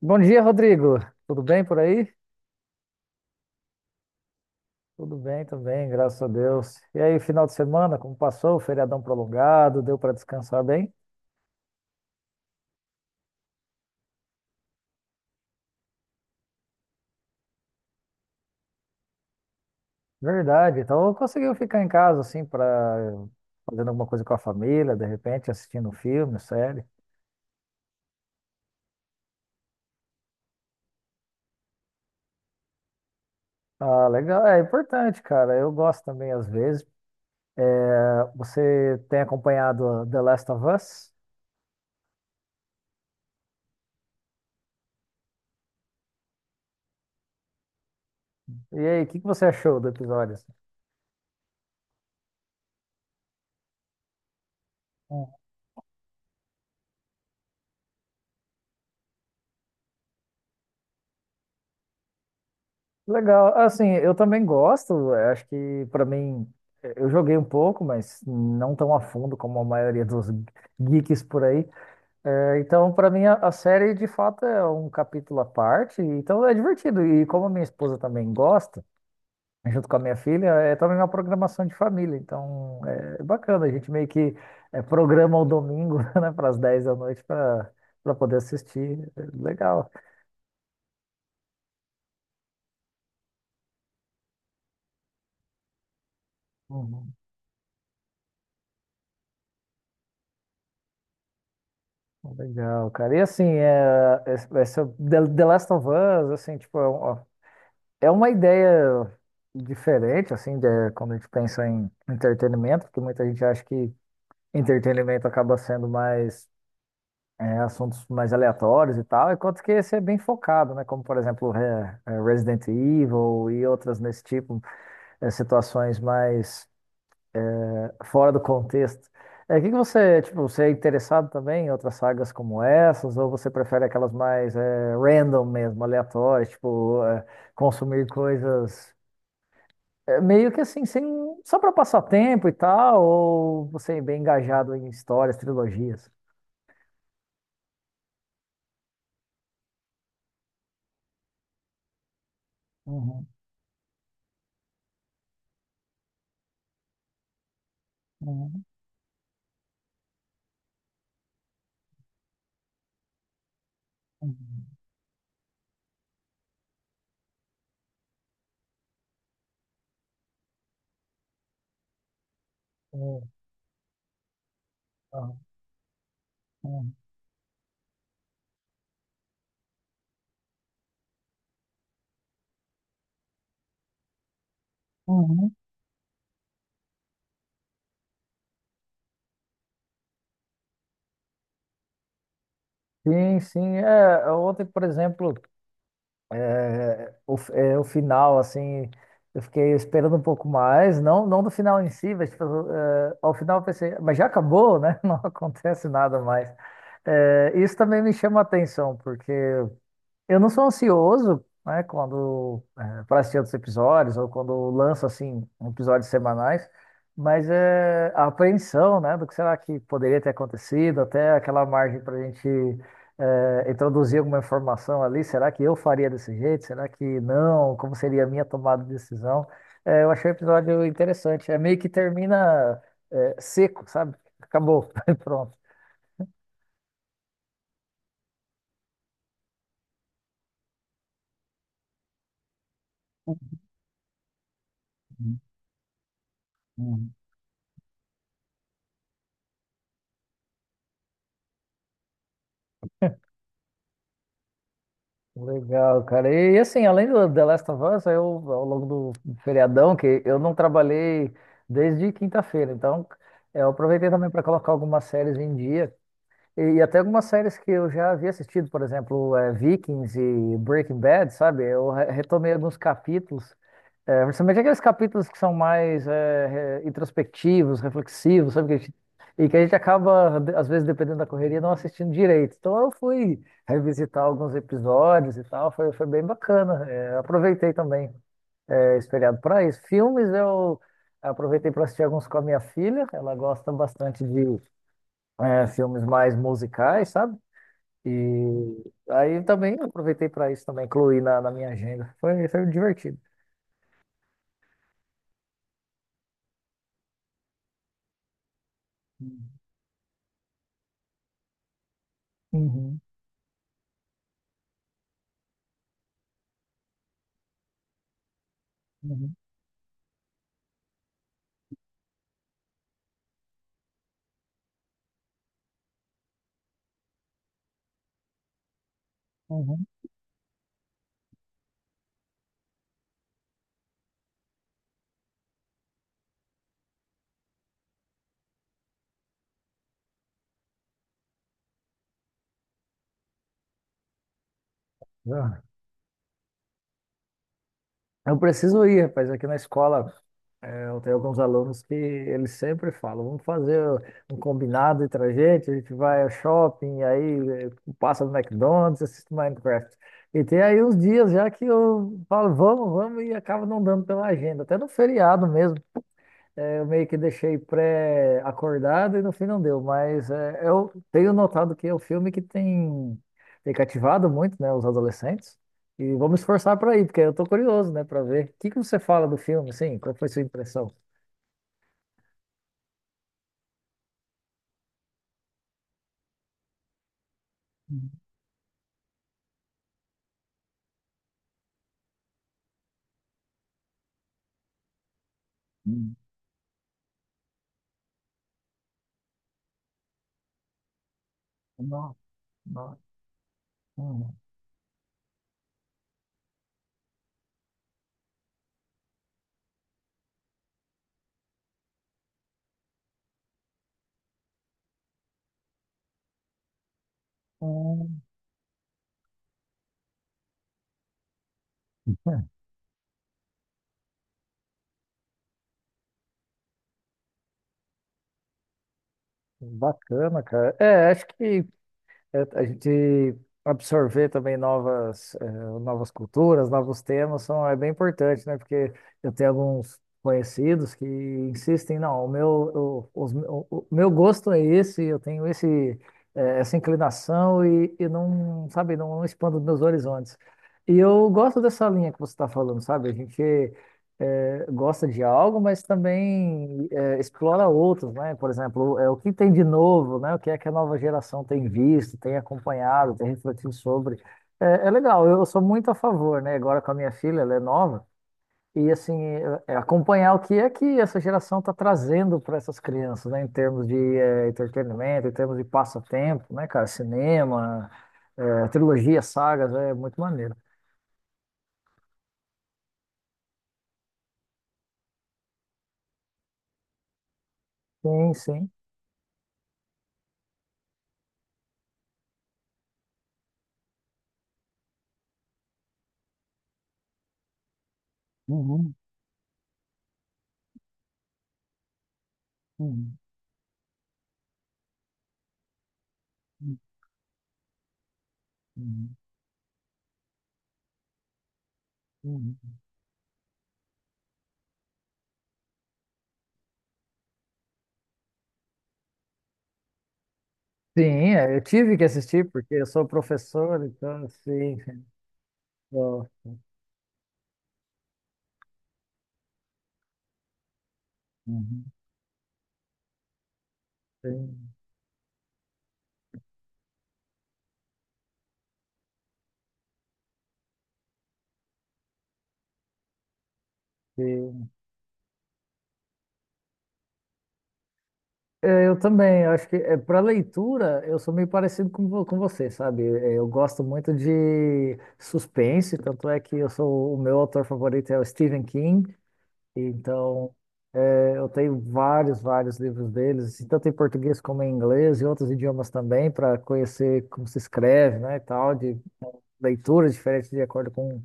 Bom dia, Rodrigo. Tudo bem por aí? Tudo bem também, graças a Deus. E aí, final de semana, como passou? Feriadão prolongado, deu para descansar bem? Verdade. Então, conseguiu ficar em casa assim para fazendo alguma coisa com a família, de repente assistindo um filme, série. Ah, legal. É importante, cara. Eu gosto também às vezes. Você tem acompanhado The Last of Us? E aí, o que que você achou do episódio, assim? Legal. Assim, eu também gosto. Acho que pra mim eu joguei um pouco, mas não tão a fundo como a maioria dos geeks por aí. Eh, então, pra mim a série de fato é um capítulo à parte. Então é divertido. E como a minha esposa também gosta, junto com a minha filha, é também uma programação de família. Então é bacana. A gente meio que programa o domingo, né, para as 10 da noite para para poder assistir. É legal. Uhum. Legal, cara. E assim, é, essa The Last of Us, assim, tipo, é uma ideia diferente, assim, de, quando a gente pensa em entretenimento, porque muita gente acha que entretenimento acaba sendo mais é, assuntos mais aleatórios e tal, enquanto que esse é bem focado, né? Como, por exemplo, é, é Resident Evil e outras nesse tipo, é, situações mais fora do contexto. É, que você, tipo, você é interessado também em outras sagas como essas, ou você prefere aquelas mais é, random mesmo, aleatórias, tipo, é, consumir coisas é, meio que assim, sem, só para passar tempo e tal, ou você é bem engajado em histórias, trilogias? Uhum, uhum, uhum, uhum, uhum, uhum. Sim, sim. É, ontem, por exemplo. É, o, é, o final, assim, eu fiquei esperando um pouco mais, não, não do final em si, mas tipo, é, ao final eu pensei, mas já acabou, né? Não acontece nada mais. É, isso também me chama a atenção, porque eu não sou ansioso, né, quando é, para assistir outros episódios ou quando lança assim episódios semanais, mas é a apreensão, né, do que será que poderia ter acontecido, até aquela margem para a gente é, introduzir alguma informação ali. Será que eu faria desse jeito? Será que não? Como seria a minha tomada de decisão? É, eu achei o episódio interessante. É meio que termina é, seco, sabe? Acabou, pronto. Uhum, uhum. Legal, cara. E, assim, além do The Last of Us, eu, ao longo do feriadão, que eu não trabalhei desde quinta-feira, então é, eu aproveitei também para colocar algumas séries em dia. E até algumas séries que eu já havia assistido, por exemplo, é, Vikings e Breaking Bad, sabe? Eu retomei alguns capítulos é, principalmente aqueles capítulos que são mais é, introspectivos, reflexivos, sabe? E que a gente acaba, às vezes, dependendo da correria, não assistindo direito. Então eu fui revisitar alguns episódios e tal, foi, foi bem bacana. É, aproveitei também é, esse feriado para isso. Filmes eu aproveitei para assistir alguns com a minha filha, ela gosta bastante de é, filmes mais musicais, sabe? E aí também aproveitei para isso também, incluí na minha agenda. Foi, foi divertido. Uhum. Uhum. Uhum. Ah, eu preciso ir, rapaz, aqui na escola. É, eu tenho alguns alunos que eles sempre falam, vamos fazer um combinado entre a gente vai ao shopping, aí é, passa no McDonald's, assiste Minecraft. E tem aí uns dias já que eu falo, vamos, vamos, e acaba não dando pela agenda, até no feriado mesmo. É, eu meio que deixei pré-acordado e no fim não deu, mas é, eu tenho notado que é um filme que tem, tem cativado muito, né, os adolescentes. E vamos esforçar para ir, porque eu tô curioso, né, para ver. O que que você fala do filme, assim? Qual foi sua impressão? Hum, hum. Nossa, nossa. Hum, hum. Bacana, cara. É, acho que é, a gente absorver também novas, novas culturas, novos temas são, é bem importante, né? Porque eu tenho alguns conhecidos que insistem, não, o meu, o, o meu gosto é esse, eu tenho esse, essa inclinação e não, sabe, não expando meus horizontes. E eu gosto dessa linha que você está falando, sabe? A gente gosta de algo, mas também é, explora outros, né? Por exemplo, é, o que tem de novo, né? O que é que a nova geração tem visto, tem acompanhado, tem refletido sobre. É, é legal, eu sou muito a favor, né? Agora com a minha filha, ela é nova, e assim, é acompanhar o que é que essa geração está trazendo para essas crianças, né? Em termos de é, entretenimento, em termos de passatempo, né, cara? Cinema, é, trilogia, sagas, é muito maneiro. Sim, sim. Uhum, uhum, uhum. Uhum. Sim, é, eu tive que assistir porque eu sou professor, então assim, gosto. Uhum. Sim, sim. Eu também, eu acho que é, para leitura eu sou meio parecido com, com você, sabe? É, eu gosto muito de suspense, tanto é que eu sou o meu autor favorito é o Stephen King, então é, eu tenho vários, vários livros deles, assim, tanto em português como em inglês e outros idiomas também, para conhecer como se escreve, né, e tal, de leituras diferentes de acordo com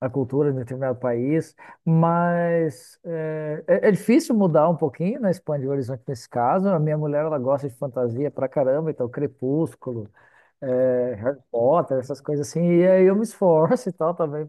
a cultura de um determinado país, mas eh, é, é difícil mudar um pouquinho, né, expandir o horizonte nesse caso. A minha mulher, ela gosta de fantasia pra caramba, então Crepúsculo, Harry Potter, essas coisas assim, e aí eu me esforço e tal também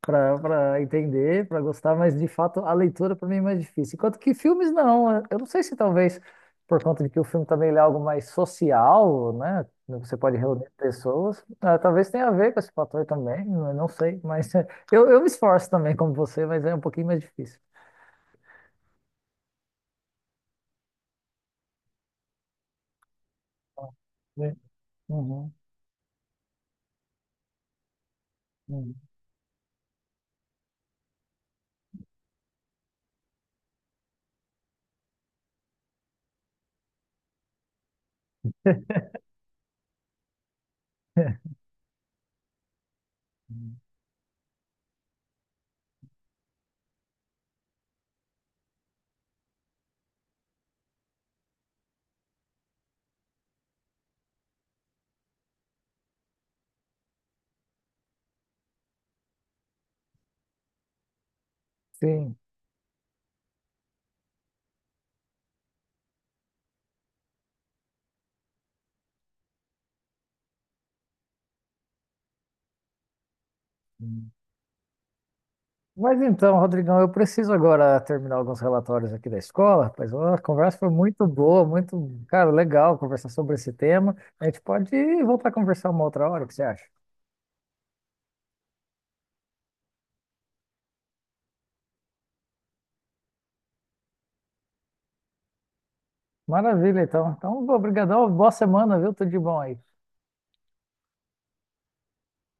para para entender, para gostar, mas de fato a leitura para mim é mais difícil. Enquanto que filmes não, eu não sei se talvez por conta de que o filme também ele é algo mais social, né? Né, você pode reunir pessoas, ah, talvez tenha a ver com esse fator também, eu não sei, mas eu me esforço também como você, mas é um pouquinho mais difícil. Sim. Uhum, uhum. Sim. Mas então, Rodrigão, eu preciso agora terminar alguns relatórios aqui da escola, rapaz. Ó, a conversa foi muito boa, muito, cara, legal conversar sobre esse tema. A gente pode voltar a conversar uma outra hora, o que você acha? Maravilha, então. Então, obrigadão, boa semana, viu? Tudo de bom aí.